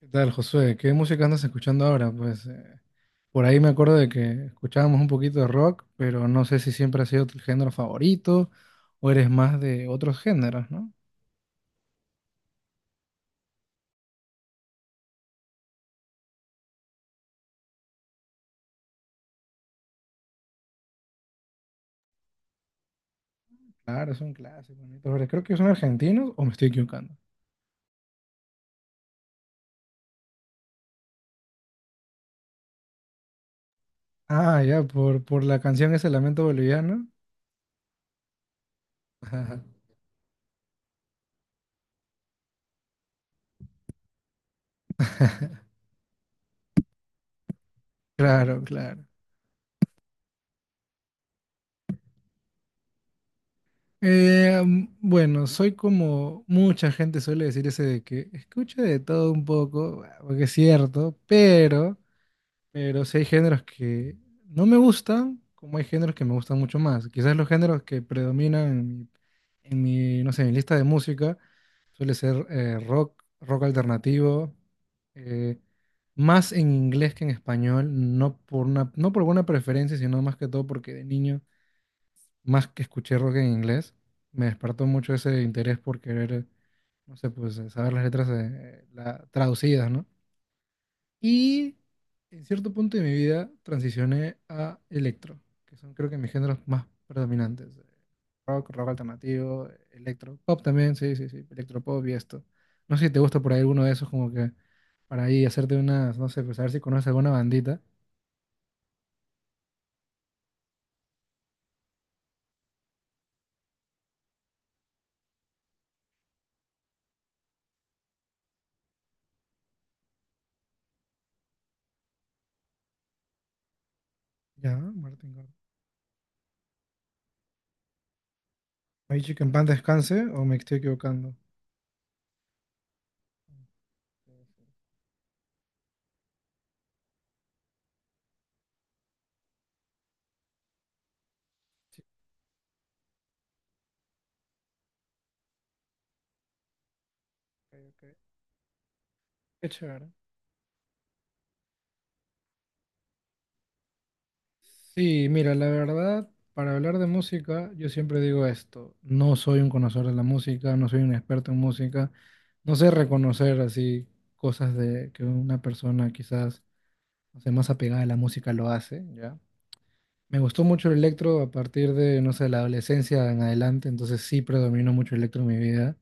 ¿Qué tal, Josué? ¿Qué música andas escuchando ahora? Por ahí me acuerdo de que escuchábamos un poquito de rock, pero no sé si siempre ha sido tu género favorito o eres más de otros géneros, ¿no? Claro, son clásicos. Bonitos, pero creo que son argentinos o me estoy equivocando. Ah, ya, por la canción ese Lamento Boliviano. Ajá. Claro, claro. Bueno, soy como mucha gente suele decir ese de que escucho de todo un poco, ah, porque es cierto, pero... pero sí hay géneros que no me gustan, como hay géneros que me gustan mucho más. Quizás los géneros que predominan en mi, no sé, en mi lista de música suele ser rock, rock alternativo, eh, más en inglés que en español, no por alguna preferencia, sino más que todo porque de niño, más que escuché rock en inglés, me despertó mucho ese interés por querer, no sé, pues saber las letras traducidas, ¿no? Y en cierto punto de mi vida transicioné a electro, que son creo que mis géneros más predominantes. Rock, rock alternativo, electro, pop también, sí, sí, sí, electropop y esto. No sé si te gusta por ahí alguno de esos, como que para ahí hacerte unas, no sé, pues a ver si conoces alguna bandita. Ya, Martin Garrix. ¿Me has dicho que en paz descanse o me estoy equivocando? Sí, ok, ok. Qué chévere. Sí, mira, la verdad, para hablar de música, yo siempre digo esto, no soy un conocedor de la música, no soy un experto en música, no sé reconocer así cosas de que una persona quizás, no sé, más apegada a la música lo hace, ¿ya? Me gustó mucho el electro a partir de, no sé, la adolescencia en adelante, entonces sí predominó mucho el electro en mi vida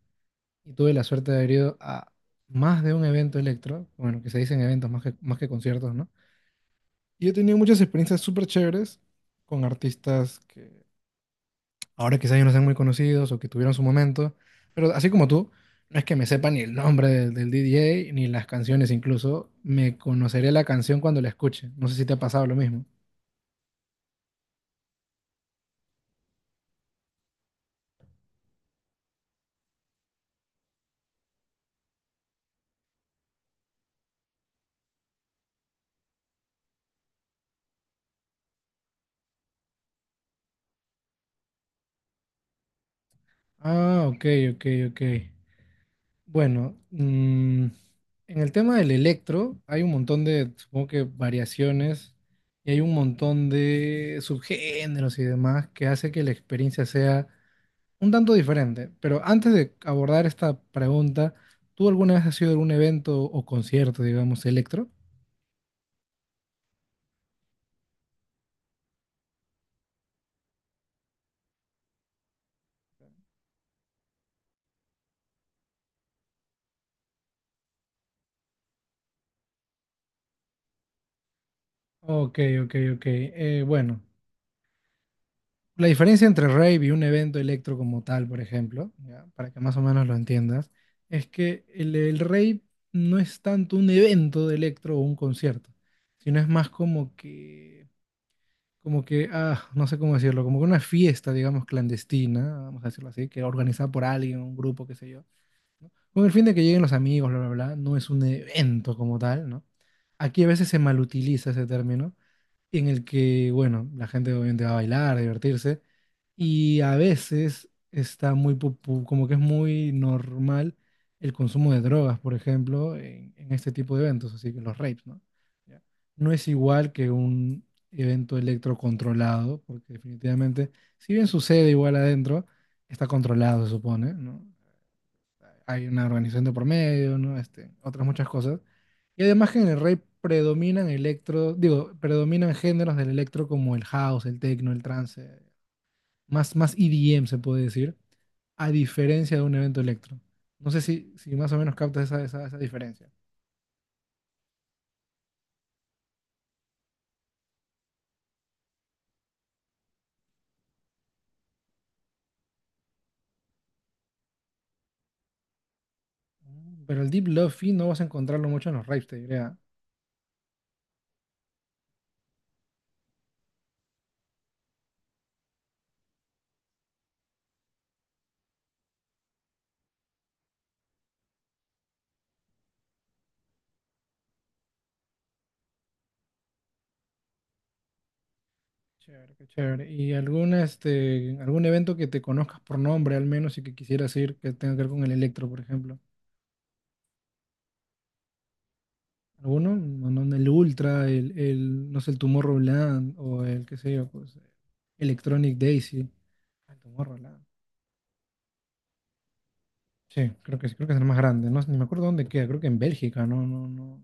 y tuve la suerte de haber ido a más de un evento electro, bueno, que se dicen eventos más que conciertos, ¿no? Y he tenido muchas experiencias súper chéveres con artistas que ahora quizás ya no sean muy conocidos o que tuvieron su momento, pero así como tú, no es que me sepa ni el nombre del DJ ni las canciones incluso, me conoceré la canción cuando la escuche. No sé si te ha pasado lo mismo. Ah, ok, ok, ok. Bueno, en el tema del electro hay un montón de, supongo que variaciones y hay un montón de subgéneros y demás que hace que la experiencia sea un tanto diferente, pero antes de abordar esta pregunta, ¿tú alguna vez has ido a algún evento o concierto, digamos, electro? Ok, ok, ok. Bueno, la diferencia entre rave y un evento electro como tal, por ejemplo, ya, para que más o menos lo entiendas, es que el rave no es tanto un evento de electro o un concierto, sino es más como que, ah, no sé cómo decirlo, como que una fiesta, digamos, clandestina, vamos a decirlo así, que organizada por alguien, un grupo, qué sé yo, ¿no? Con el fin de que lleguen los amigos, bla, bla, bla, no es un evento como tal, ¿no? Aquí a veces se malutiliza ese término en el que, bueno, la gente obviamente va a bailar, a divertirse, y a veces está muy, popu- como que es muy normal el consumo de drogas, por ejemplo, en este tipo de eventos, así que los rapes, ¿no? Ya. No es igual que un evento electrocontrolado, porque definitivamente, si bien sucede igual adentro, está controlado, se supone, ¿no? Hay una organización de por medio, ¿no? Este, otras muchas cosas. Y además que en el rey predominan electro, digo, predominan géneros del electro como el house, el techno, el trance, más EDM se puede decir, a diferencia de un evento electro. No sé si, si más o menos captas esa diferencia. Mm. Pero el Deep Lofi no vas a encontrarlo mucho en los raves, te diría. Chévere, qué chévere. ¿Y algún, este, algún evento que te conozcas por nombre al menos y que quisieras ir que tenga que ver con el electro, por ejemplo? Alguno, no, no, el Ultra, no sé, el Tomorrowland o el, qué sé yo, pues, Electronic Daisy. Ah, el Tomorrowland. Sí, creo que es el más grande. No, sé, ni me acuerdo dónde queda, creo que en Bélgica, no, no, no.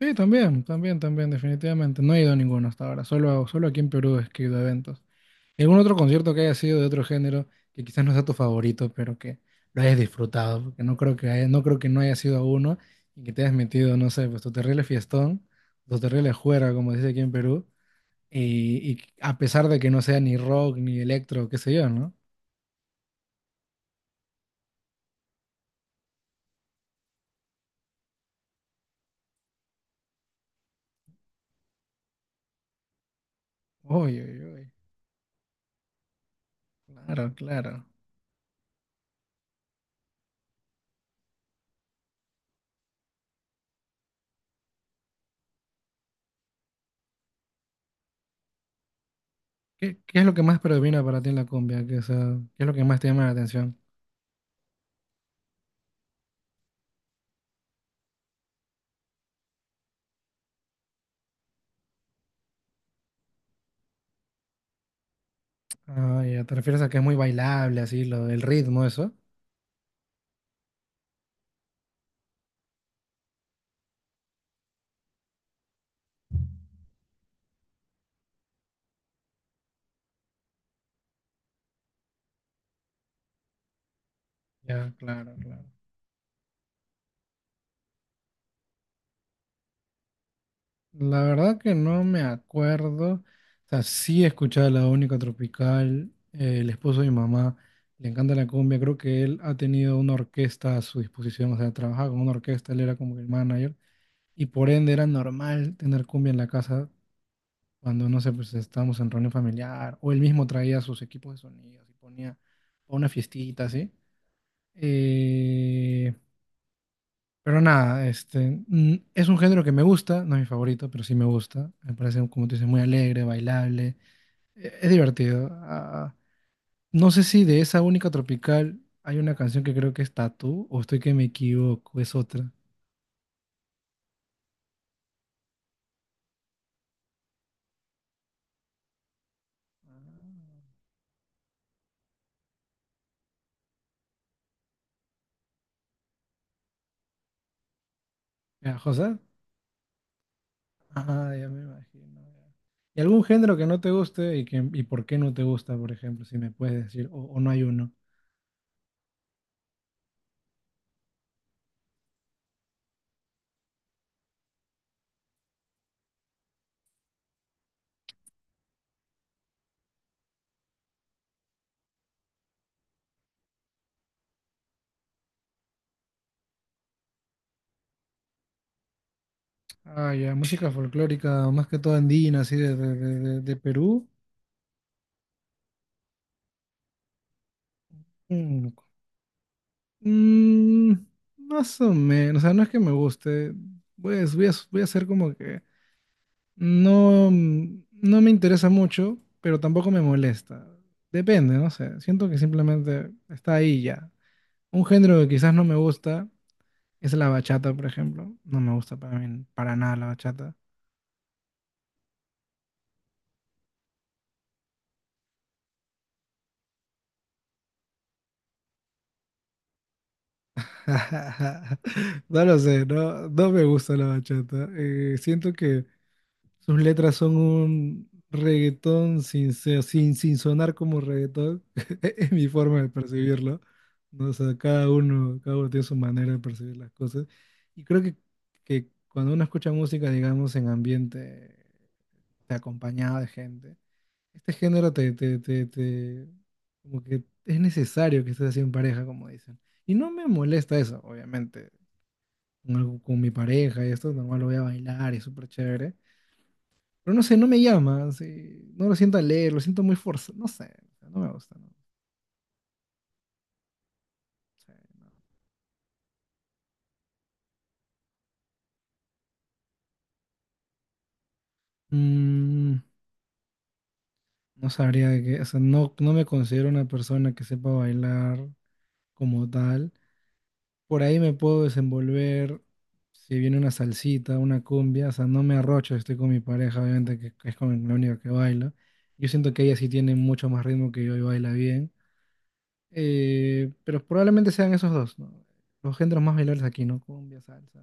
Sí, también, también, también, definitivamente. No he ido a ninguno hasta ahora. Solo aquí en Perú es que he ido a eventos. ¿Y algún otro concierto que haya sido de otro género que quizás no sea tu favorito, pero que lo hayas disfrutado? Porque no creo que haya- no creo que no haya sido a uno y que te hayas metido, no sé, pues tu terrible fiestón, tu terrible juerga, como dice aquí en Perú, y a pesar de que no sea ni rock, ni electro, qué sé yo, ¿no? Uy, uy, uy. Claro, claro. ¿Qué, qué es lo que más predomina para ti en la cumbia? ¿Qué, o sea, qué es lo que más te llama la atención? Ah, ya, te refieres a que es muy bailable, así, lo, el ritmo, eso. Ya, claro, claro. La verdad que no me acuerdo. O sea, sí he escuchado La Única Tropical, el esposo de mi mamá, le encanta la cumbia. Creo que él ha tenido una orquesta a su disposición, o sea, trabajaba con una orquesta, él era como que el manager. Y por ende era normal tener cumbia en la casa cuando, no sé, pues estábamos en reunión familiar, o él mismo traía sus equipos de sonidos y ponía una fiestita, así. Eh, Pero nada, este, mm, es un género que me gusta, no es mi favorito, pero sí me gusta. Me parece, como tú dices, muy alegre, bailable, e- es divertido. Ah, no sé si de esa única tropical hay una canción que creo que es Tatú, o estoy que me equivoco, es otra. ¿Ya, José? Ah, ya me imagino. Ya. ¿Y algún género que no te guste y por qué no te gusta, por ejemplo, si me puedes decir, o no hay uno? Ah, ya, música folclórica, más que todo andina, así de Perú. Mm, más o menos, o sea, no es que me guste. Pues voy a hacer como que no, mm, no me interesa mucho, pero tampoco me molesta. Depende, no sé. Siento que simplemente está ahí ya. Un género que quizás no me gusta es la bachata, por ejemplo. No me gusta para mí, para nada la bachata. No lo sé, no, no me gusta la bachata. Siento que sus letras son un reggaetón sin, se- sin, sin sonar como reggaetón. Es mi forma de percibirlo. ¿No? O sea, cada uno tiene su manera de percibir las cosas. Y creo que cuando uno escucha música, digamos, en ambiente de acompañado de gente, este género como que es necesario que estés así en pareja, como dicen. Y no me molesta eso, obviamente. Con, algo- con mi pareja y esto, normal lo voy a bailar y es súper chévere. Pero no sé, no me llama, así, no lo siento al leer, lo siento muy forzado, no sé, no me gusta, no, sé. Mm, no sabría que, o sea, no, no me considero una persona que sepa bailar como tal. Por ahí me puedo desenvolver si viene una salsita, una cumbia, o sea, no me arrocho, estoy con mi pareja, obviamente, que es con la única que baila. Yo siento que ella sí tiene mucho más ritmo que yo y baila bien. Pero probablemente sean esos dos, ¿no? Los géneros más bailables aquí, ¿no? Cumbia, salsa.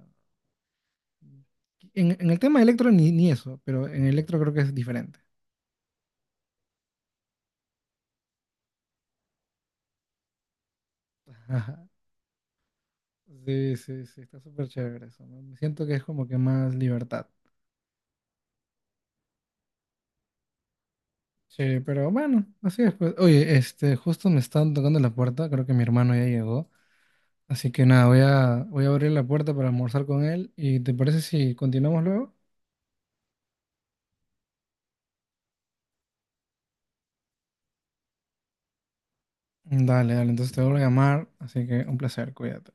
En el tema de electro ni, ni eso, pero en electro creo que es diferente. Ajá. Sí, sí, sí, está súper chévere eso, ¿no? Me siento que es como que más libertad. Sí, pero bueno, así es pues. Oye, este, justo me están tocando la puerta, creo que mi hermano ya llegó. Así que nada, voy a abrir la puerta para almorzar con él. ¿Y te parece si continuamos luego? Dale, dale, entonces te vuelvo a llamar, así que un placer, cuídate.